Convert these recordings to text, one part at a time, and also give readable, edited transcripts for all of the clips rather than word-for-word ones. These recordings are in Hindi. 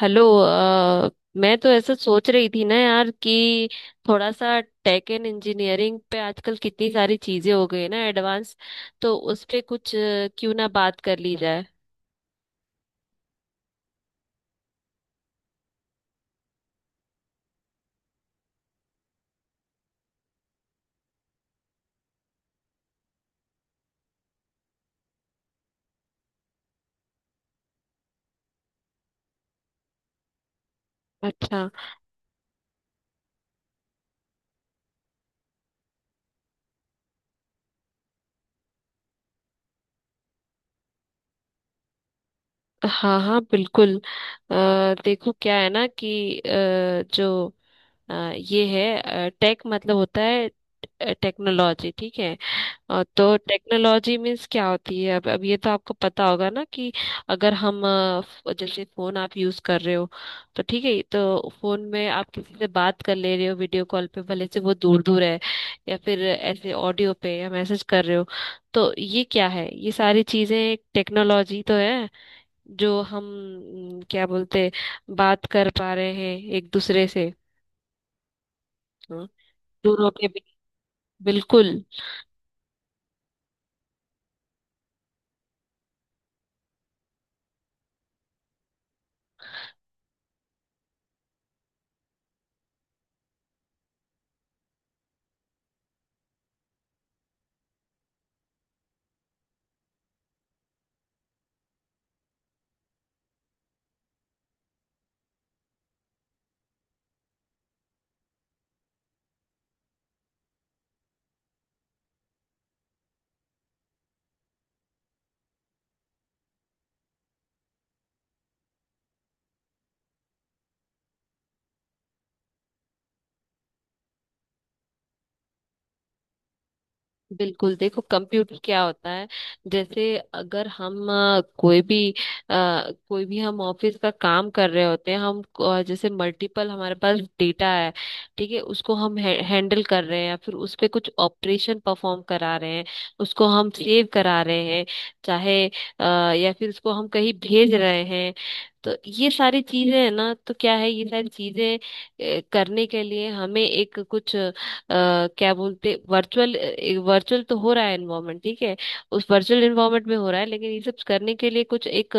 हेलो मैं तो ऐसा सोच रही थी ना यार कि थोड़ा सा टेक एंड इंजीनियरिंग पे आजकल कितनी सारी चीजें हो गई है ना एडवांस। तो उस पे कुछ क्यों ना बात कर ली जाए। अच्छा। हाँ हाँ बिल्कुल। देखो क्या है ना कि अ, ये है टेक मतलब होता है टेक्नोलॉजी। ठीक है। तो टेक्नोलॉजी मीन्स क्या होती है? अब ये तो आपको पता होगा ना कि अगर हम जैसे फोन आप यूज कर रहे हो, तो ठीक है, तो फोन में आप किसी से बात कर ले रहे हो वीडियो कॉल पे, भले से वो दूर दूर है, या फिर ऐसे ऑडियो पे या मैसेज कर रहे हो। तो ये क्या है, ये सारी चीजें एक टेक्नोलॉजी तो है, जो हम म, क्या बोलते हैं, बात कर पा रहे हैं एक दूसरे से। हाँ, दूर होके भी। बिल्कुल। बिल्कुल देखो, कंप्यूटर क्या होता है। जैसे अगर हम अ, कोई भी हम ऑफिस का काम कर रहे होते हैं, हम जैसे मल्टीपल हमारे पास डेटा है, ठीक है, उसको हम हैंडल कर रहे हैं या फिर उस पे कुछ ऑपरेशन परफॉर्म करा रहे हैं, उसको हम सेव करा रहे हैं, चाहे अ, या फिर उसको हम कहीं भेज रहे हैं। तो ये सारी चीजें है ना, तो क्या है ये सारी चीजें करने के लिए हमें एक कुछ, क्या बोलते, वर्चुअल वर्चुअल तो हो रहा है एनवायरनमेंट, ठीक है, उस वर्चुअल एनवायरनमेंट में हो रहा है। लेकिन ये सब करने के लिए कुछ एक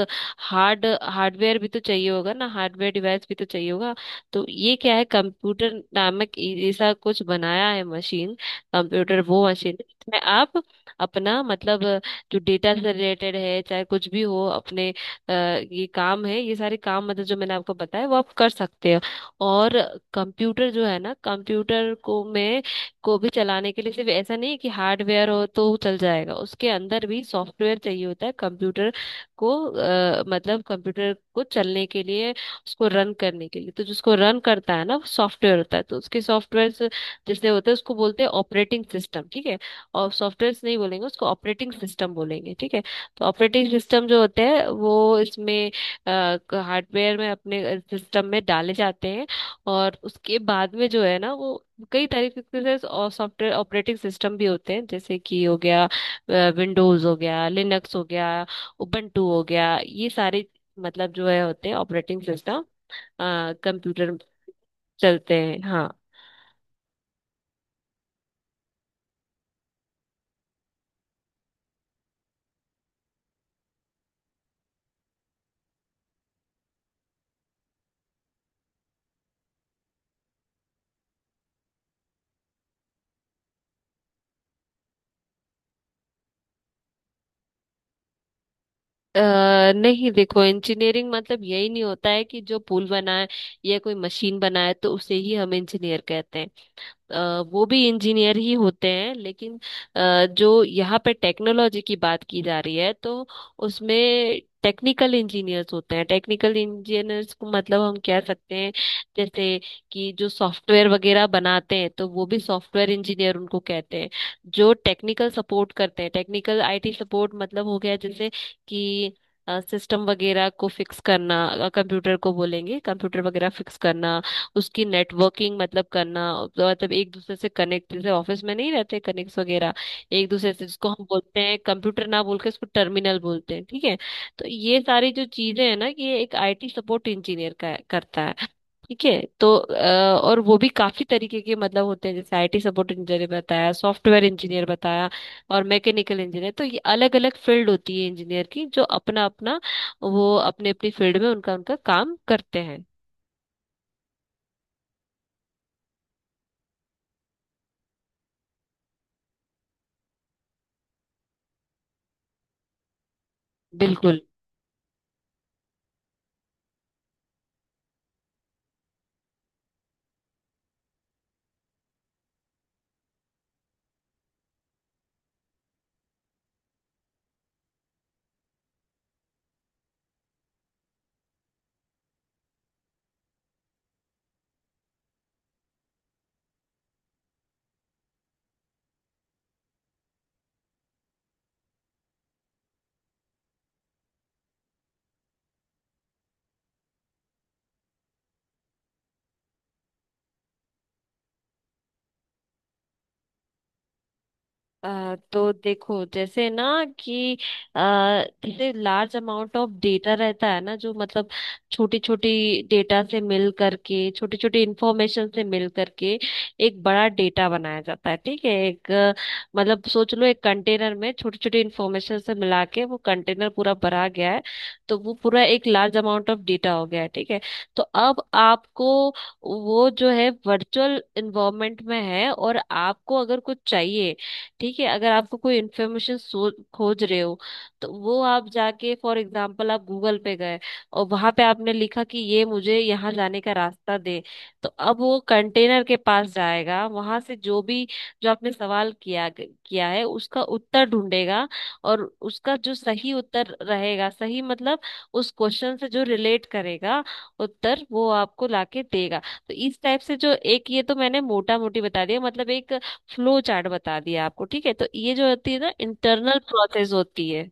हार्ड हार्डवेयर भी तो चाहिए होगा ना, हार्डवेयर डिवाइस भी तो चाहिए होगा। तो ये क्या है, कंप्यूटर नामक ऐसा कुछ बनाया है मशीन, कंप्यूटर, वो मशीन जिसमें आप अपना मतलब जो डेटा से रिलेटेड है, चाहे कुछ भी हो अपने, ये काम है, ये सारे काम मतलब जो मैंने आपको बताया, वो आप कर सकते हो। और कंप्यूटर जो है ना, कंप्यूटर को भी चलाने के लिए सिर्फ ऐसा नहीं है कि हार्डवेयर हो तो चल जाएगा, उसके अंदर भी सॉफ्टवेयर चाहिए होता है। कंप्यूटर को मतलब कंप्यूटर को चलने के लिए, उसको रन करने के लिए, तो जिसको रन करता है ना सॉफ्टवेयर होता है, तो उसके सॉफ्टवेयर जैसे होते हैं, उसको बोलते हैं ऑपरेटिंग सिस्टम, ठीक है, और सॉफ्टवेयर नहीं बोलेंगे, उसको ऑपरेटिंग सिस्टम बोलेंगे, ठीक है। तो ऑपरेटिंग सिस्टम जो होते हैं वो इसमें हार्डवेयर में अपने सिस्टम में डाले जाते हैं। और उसके बाद में जो है ना, वो कई तरीके के से और सॉफ्टवेयर ऑपरेटिंग सिस्टम भी होते हैं, जैसे कि हो गया विंडोज, हो गया लिनक्स, हो गया उबंटू, हो गया, ये सारे मतलब जो है होते हैं ऑपरेटिंग सिस्टम, कंप्यूटर चलते हैं। हाँ। अ, नहीं देखो, इंजीनियरिंग मतलब यही नहीं होता है कि जो पुल बनाए या कोई मशीन बनाए तो उसे ही हम इंजीनियर कहते हैं। वो भी इंजीनियर ही होते हैं, लेकिन जो यहाँ पे टेक्नोलॉजी की बात की जा रही है, तो उसमें टेक्निकल इंजीनियर्स होते हैं। टेक्निकल इंजीनियर्स को मतलब हम कह सकते हैं जैसे कि जो सॉफ्टवेयर वगैरह बनाते हैं, तो वो भी सॉफ्टवेयर इंजीनियर उनको कहते हैं। जो टेक्निकल सपोर्ट करते हैं, टेक्निकल आईटी सपोर्ट, मतलब हो गया जैसे कि सिस्टम वगैरह को फिक्स करना, कंप्यूटर को बोलेंगे कंप्यूटर वगैरह फिक्स करना, उसकी नेटवर्किंग मतलब करना, तो मतलब एक दूसरे से कनेक्ट जैसे ऑफिस में नहीं रहते कनेक्ट वगैरह एक दूसरे से, जिसको हम बोलते हैं कंप्यूटर ना बोल के इसको टर्मिनल बोलते हैं, ठीक है। तो ये सारी जो चीजें हैं ना कि ये एक आईटी सपोर्ट इंजीनियर का करता है, ठीक है। तो और वो भी काफी तरीके के मतलब होते हैं, जैसे आईटी सपोर्ट इंजीनियर बताया, सॉफ्टवेयर इंजीनियर बताया, और मैकेनिकल इंजीनियर, तो ये अलग अलग फील्ड होती है इंजीनियर की, जो अपना अपना वो अपने अपनी फील्ड में उनका उनका काम करते हैं। बिल्कुल। तो देखो जैसे ना कि अ, जैसे लार्ज अमाउंट ऑफ डेटा रहता है ना, जो मतलब छोटी छोटी डेटा से मिल करके, छोटी छोटी इंफॉर्मेशन से मिल करके एक बड़ा डेटा बनाया जाता है, ठीक है। एक मतलब सोच लो एक कंटेनर में छोटी छोटी इंफॉर्मेशन से मिला के वो कंटेनर पूरा भरा गया है, तो वो पूरा एक लार्ज अमाउंट ऑफ डेटा हो गया है, ठीक है। तो अब आपको वो जो है वर्चुअल इन्वायरमेंट में है, और आपको अगर कुछ चाहिए, ठीक है, अगर आपको कोई इन्फॉर्मेशन खोज रहे हो, तो वो आप जाके फॉर एग्जांपल आप गूगल पे गए, और वहां पे आपने लिखा कि ये मुझे यहाँ जाने का रास्ता दे, तो अब वो कंटेनर के पास जाएगा, वहां से जो भी, जो आपने सवाल किया किया है उसका उत्तर ढूंढेगा, और उसका जो सही उत्तर रहेगा, सही मतलब उस क्वेश्चन से जो रिलेट करेगा उत्तर, वो आपको लाके देगा। तो इस टाइप से जो एक, ये तो मैंने मोटा मोटी बता दिया, मतलब एक फ्लो चार्ट बता दिया आपको, ठीक है। तो ये जो होती है ना इंटरनल प्रोसेस होती है।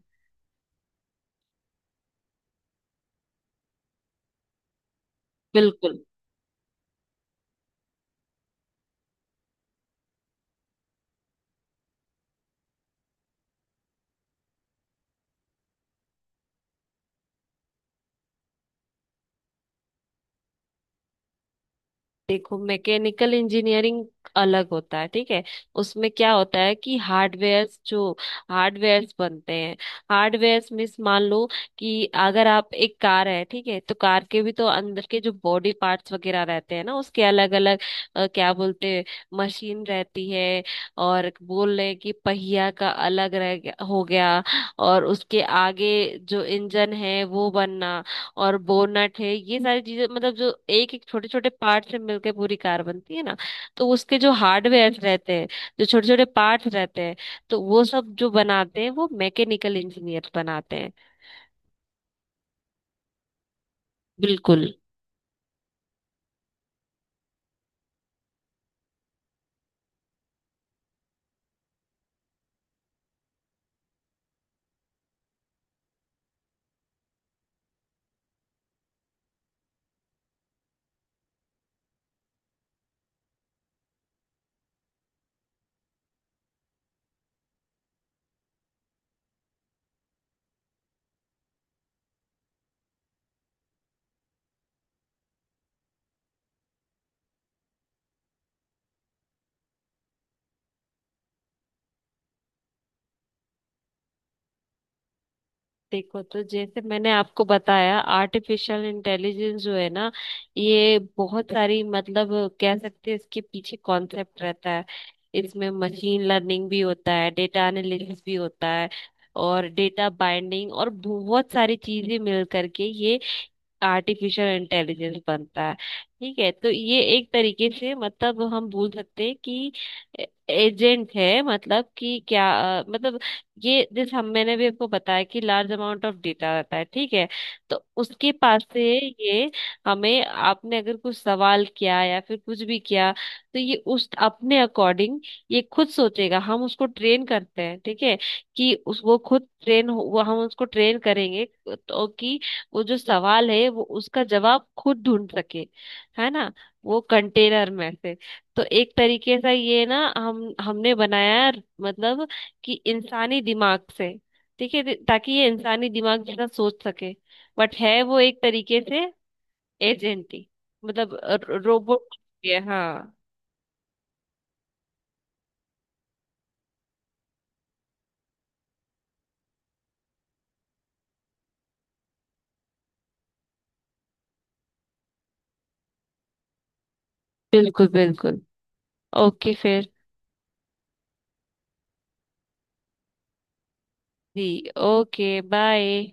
बिल्कुल। देखो मैकेनिकल इंजीनियरिंग अलग होता है, ठीक है। उसमें क्या होता है कि हार्डवेयर्स बनते हैं, हार्डवेयर्स मीन्स मान लो कि अगर आप एक कार है, ठीक है, तो कार के भी तो अंदर के जो बॉडी पार्ट्स वगैरह रहते हैं ना, उसके अलग अलग, क्या बोलते हैं, मशीन रहती है, और बोल रहे हैं कि पहिया का अलग रह गया हो गया, और उसके आगे जो इंजन है वो बनना, और बोनट है, ये सारी चीजें मतलब जो एक एक छोटे छोटे पार्ट से मिलकर पूरी कार बनती है ना, तो उसके जो हार्डवेयर रहते हैं, जो छोटे छोटे पार्ट्स रहते हैं, तो वो सब जो बनाते हैं वो मैकेनिकल इंजीनियर बनाते हैं। बिल्कुल। देखो, तो जैसे मैंने आपको बताया, आर्टिफिशियल इंटेलिजेंस जो है ना, ये बहुत सारी मतलब कह सकते हैं इसके पीछे कॉन्सेप्ट रहता है। इसमें मशीन लर्निंग भी होता है, डेटा एनालिटिक्स भी होता है, और डेटा बाइंडिंग, और बहुत सारी चीजें मिल करके ये आर्टिफिशियल इंटेलिजेंस बनता है, ठीक है। तो ये एक तरीके से मतलब हम बोल सकते हैं कि एजेंट है, मतलब कि क्या, मतलब ये जैसे हम मैंने भी आपको बताया कि लार्ज अमाउंट ऑफ डेटा रहता है, ठीक है, तो उसके पास से ये हमें, आपने अगर कुछ सवाल किया या फिर कुछ भी किया, तो ये उस अपने अकॉर्डिंग ये खुद सोचेगा, हम उसको ट्रेन करते हैं, ठीक है, कि उस वो खुद ट्रेन हो, वो हम उसको ट्रेन करेंगे तो कि वो जो सवाल है वो उसका जवाब खुद ढूंढ सके, है ना, वो कंटेनर में से। तो एक तरीके से ये ना हम हमने बनाया है, मतलब कि इंसानी दिमाग से, ठीक है, ताकि ये इंसानी दिमाग जैसा सोच सके, बट है वो एक तरीके से एजेंट ही, मतलब रोबोट। हाँ। बिल्कुल बिल्कुल। ओके फिर। जी। Okay bye.